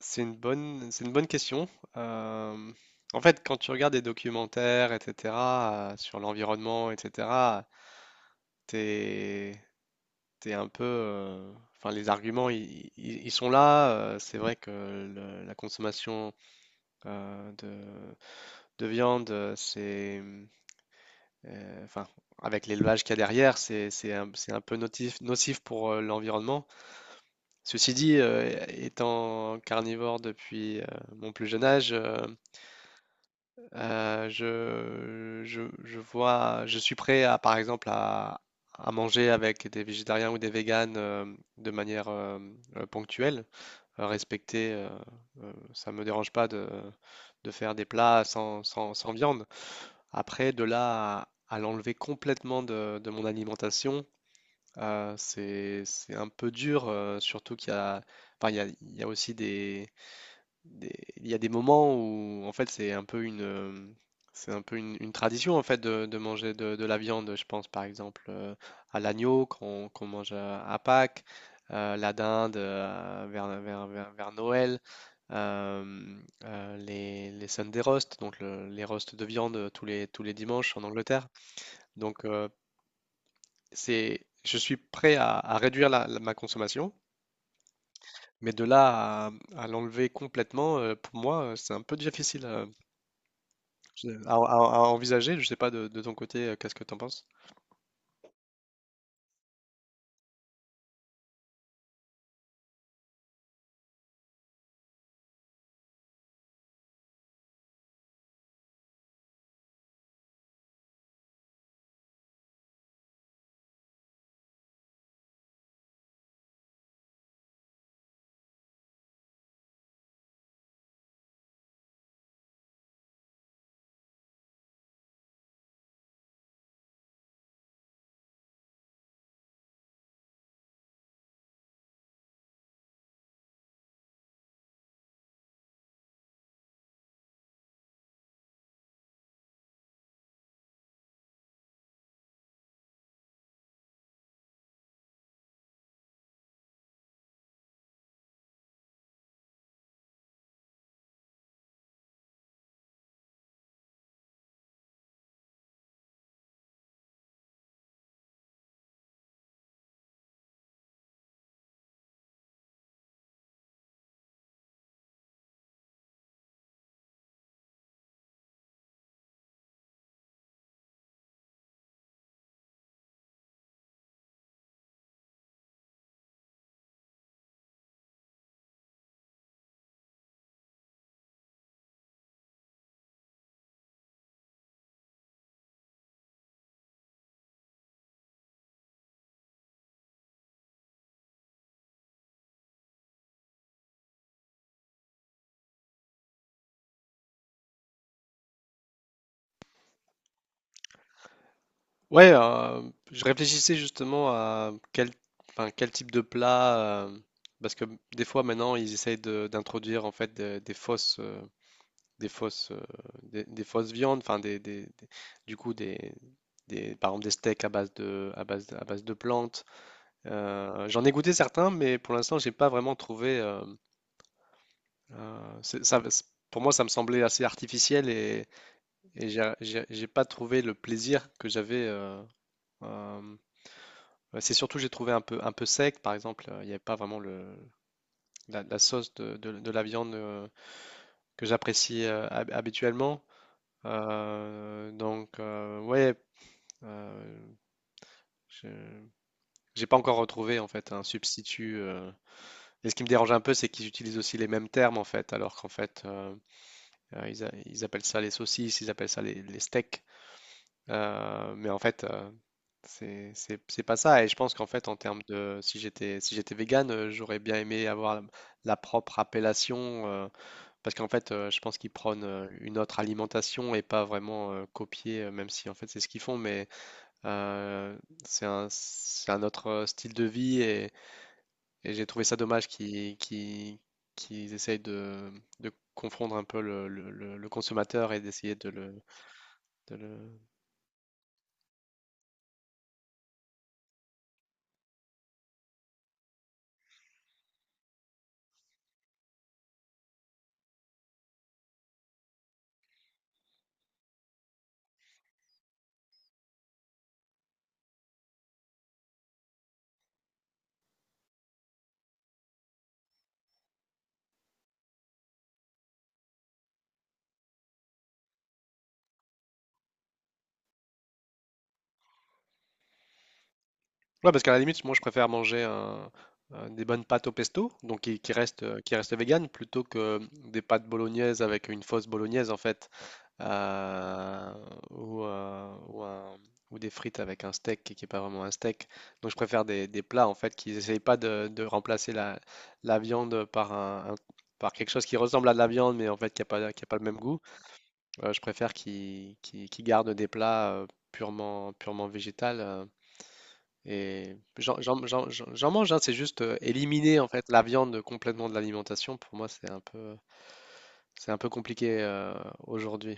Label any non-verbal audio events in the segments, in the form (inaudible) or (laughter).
C'est une bonne question. Euh, En fait, quand tu regardes des documentaires, etc., sur l'environnement, etc., t'es, t'es un peu, enfin, les arguments, ils sont là. C'est vrai que la consommation euh, de, de viande, enfin, avec l'élevage qu'il y a derrière, c'est un peu nocif pour l'environnement. Ceci dit, étant carnivore depuis mon plus jeune âge. Je suis prêt à, par exemple, à manger avec des végétariens ou des véganes, de manière, ponctuelle, respecter. Ça me dérange pas de faire des plats sans viande. Après de là à l'enlever complètement de mon alimentation, c'est un peu dur, surtout qu'il y a, enfin, il y a aussi des, des- il y a des moments où en fait c'est un peu une, c'est un peu une tradition, en fait, de manger de la viande. Je pense, par exemple, à l'agneau qu'on mange à Pâques, la dinde vers Noël, euh, les Sunday roast, donc les roasts de viande tous les dimanches en Angleterre. Donc, c'est je suis prêt à, réduire ma consommation, mais de là à, l'enlever complètement, pour moi, c'est un peu difficile. C'est à envisager. Je sais pas, de ton côté, qu'est-ce que t'en penses? Ouais, je réfléchissais justement à quel, enfin, quel type de plat, parce que des fois maintenant ils essayent d'introduire, en fait, des fausses, des fausses, des fausses viandes, enfin, du coup, par exemple, des steaks à base de, à base de, à base de plantes. J'en ai goûté certains, mais pour l'instant, j'ai pas vraiment trouvé. Euh, c'est- ça, c'est- pour moi, ça me semblait assez artificiel, et j'ai pas trouvé le plaisir que j'avais. Euh, c'est surtout, j'ai trouvé un peu sec, par exemple. Il n'y avait pas vraiment la sauce de la viande que j'apprécie, habituellement. Donc, ouais. Euh, je j'ai pas encore retrouvé, en fait, un substitut. Et ce qui me dérange un peu, c'est qu'ils utilisent aussi les mêmes termes, en fait, alors qu'en fait, ils appellent ça les saucisses, ils appellent ça les steaks. Mais en fait, c'est pas ça. Et je pense qu'en fait, en termes de, si j'étais vegan, j'aurais bien aimé avoir la propre appellation, parce qu'en fait, je pense qu'ils prônent une autre alimentation, et pas vraiment copier, même si, en fait, c'est ce qu'ils font, mais Euh, c'est un, autre style de vie, et j'ai trouvé ça dommage qu'ils essayent de confondre un peu le consommateur, et d'essayer de le. de le- Ouais, parce qu'à la limite, moi, je préfère manger des bonnes pâtes au pesto, donc qui, restent, qui restent vegan, plutôt que des pâtes bolognaises avec une fausse bolognaise, en fait, euh, ou, euh, ou un- ou des frites avec un steak qui n'est pas vraiment un steak. Donc, je préfère des, plats, en fait, qui n'essayent pas de remplacer la viande par un, par quelque chose qui ressemble à de la viande, mais, en fait, qui a pas le même goût. Je préfère qu'ils gardent des plats purement végétal. Et j'en mange, hein, c'est juste, éliminer, en fait, la viande complètement de l'alimentation. Pour moi, c'est un peu, compliqué, aujourd'hui.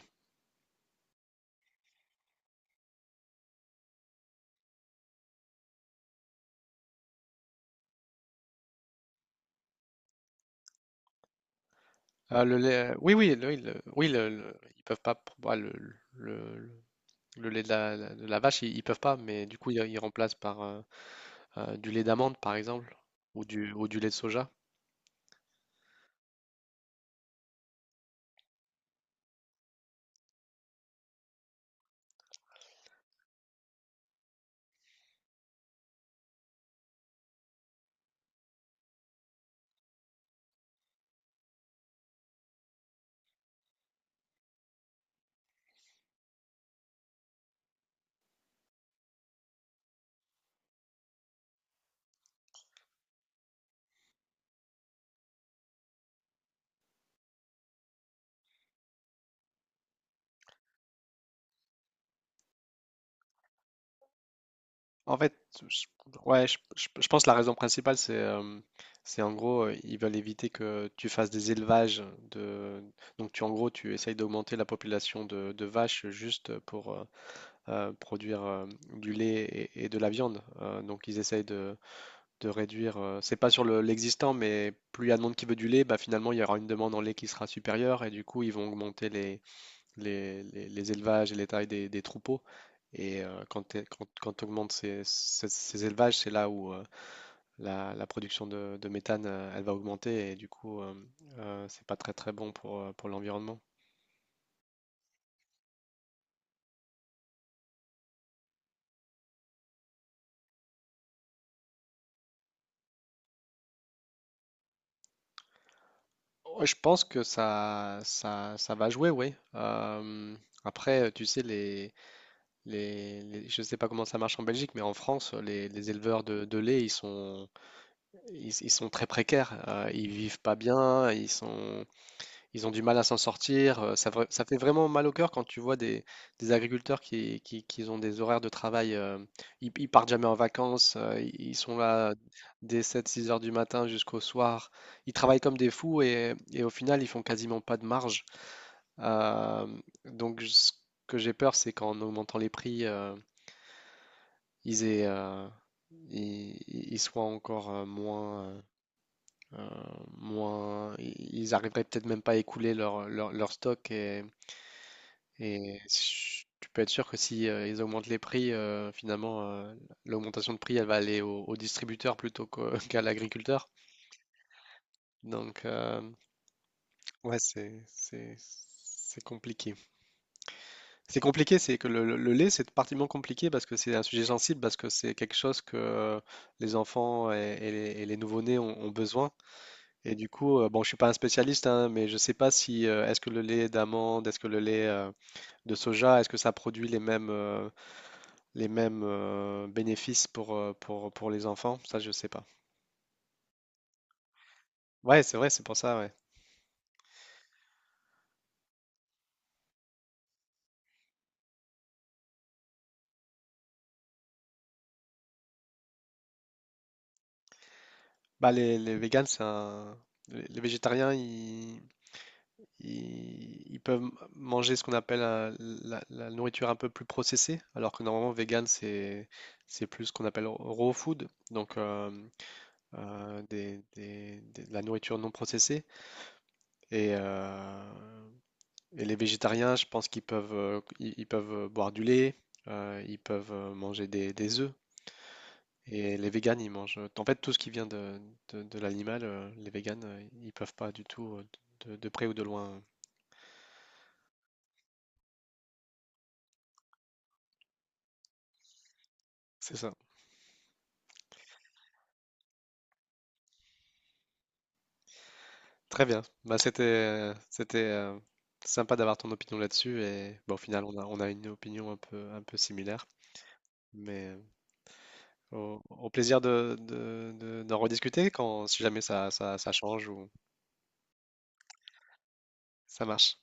Ah, le lait, oui, oui, oui, ils peuvent pas. Pour moi, le- le- le lait de de la vache, ils peuvent pas, mais du coup, ils remplacent par, du lait d'amande, par exemple, ou du, lait de soja. En fait, je, ouais, je pense que la raison principale, c'est, en gros, ils veulent éviter que tu fasses des élevages de. Donc, en gros, tu essayes d'augmenter la population de vaches, juste pour, produire, du lait et, de la viande. Donc, ils essayent de réduire. C'est pas sur l'existant, mais plus il y a de monde qui veut du lait, bah, finalement, il y aura une demande en lait qui sera supérieure, et du coup, ils vont augmenter les élevages et les tailles des troupeaux. Et quand augmentes ces élevages, c'est là où, la production de méthane, elle va augmenter, et du coup, c'est pas très très bon pour l'environnement. Ouais, je pense que ça va jouer, oui. Après, tu sais, je ne sais pas comment ça marche en Belgique, mais en France, les éleveurs de lait, ils sont, ils sont très précaires. Ils vivent pas bien, ils ont du mal à s'en sortir. Ça fait vraiment mal au cœur quand tu vois des agriculteurs qui ont des horaires de travail. Ils partent jamais en vacances. Ils sont là dès 7-6 heures du matin jusqu'au soir. Ils travaillent comme des fous, et au final, ils font quasiment pas de marge. Euh, donc, ce que j'ai peur, c'est qu'en augmentant les prix, ils aient, ils, ils- soient encore, moins. Euh, Moins, ils arriveraient peut-être même pas à écouler leur stock, Et tu peux être sûr que si, ils augmentent les prix, finalement, l'augmentation de prix, elle va aller au distributeur plutôt (laughs) qu'à l'agriculteur. Donc, ouais, c'est compliqué. C'est compliqué, c'est que le lait, c'est particulièrement compliqué, parce que c'est un sujet sensible, parce que c'est quelque chose que, les enfants et les nouveau-nés ont besoin. Et du coup, bon, je suis pas un spécialiste, hein, mais je sais pas si, est-ce que le lait d'amande, est-ce que le lait, de soja, est-ce que ça produit les mêmes, bénéfices pour, pour les enfants, ça je sais pas. Ouais, c'est vrai, c'est pour ça, ouais. Bah les véganes, c'est un. Les végétariens, ils peuvent manger ce qu'on appelle, la nourriture un peu plus processée, alors que, normalement, vegan, c'est, plus ce qu'on appelle raw food, donc, de la nourriture non processée. Et, euh, et les végétariens, je pense qu'ils peuvent boire du lait, ils peuvent, manger des œufs. Et les véganes, ils mangent, en fait, tout ce qui vient de, de l'animal. Les véganes, ils peuvent pas du tout, de près ou de loin. C'est ça. Très bien. Bah, c'était sympa d'avoir ton opinion là-dessus. Et bah, au final, on a une opinion un peu similaire. Mais au plaisir d'en rediscuter, si jamais ça, ça change, ou ça marche.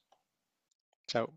Ciao.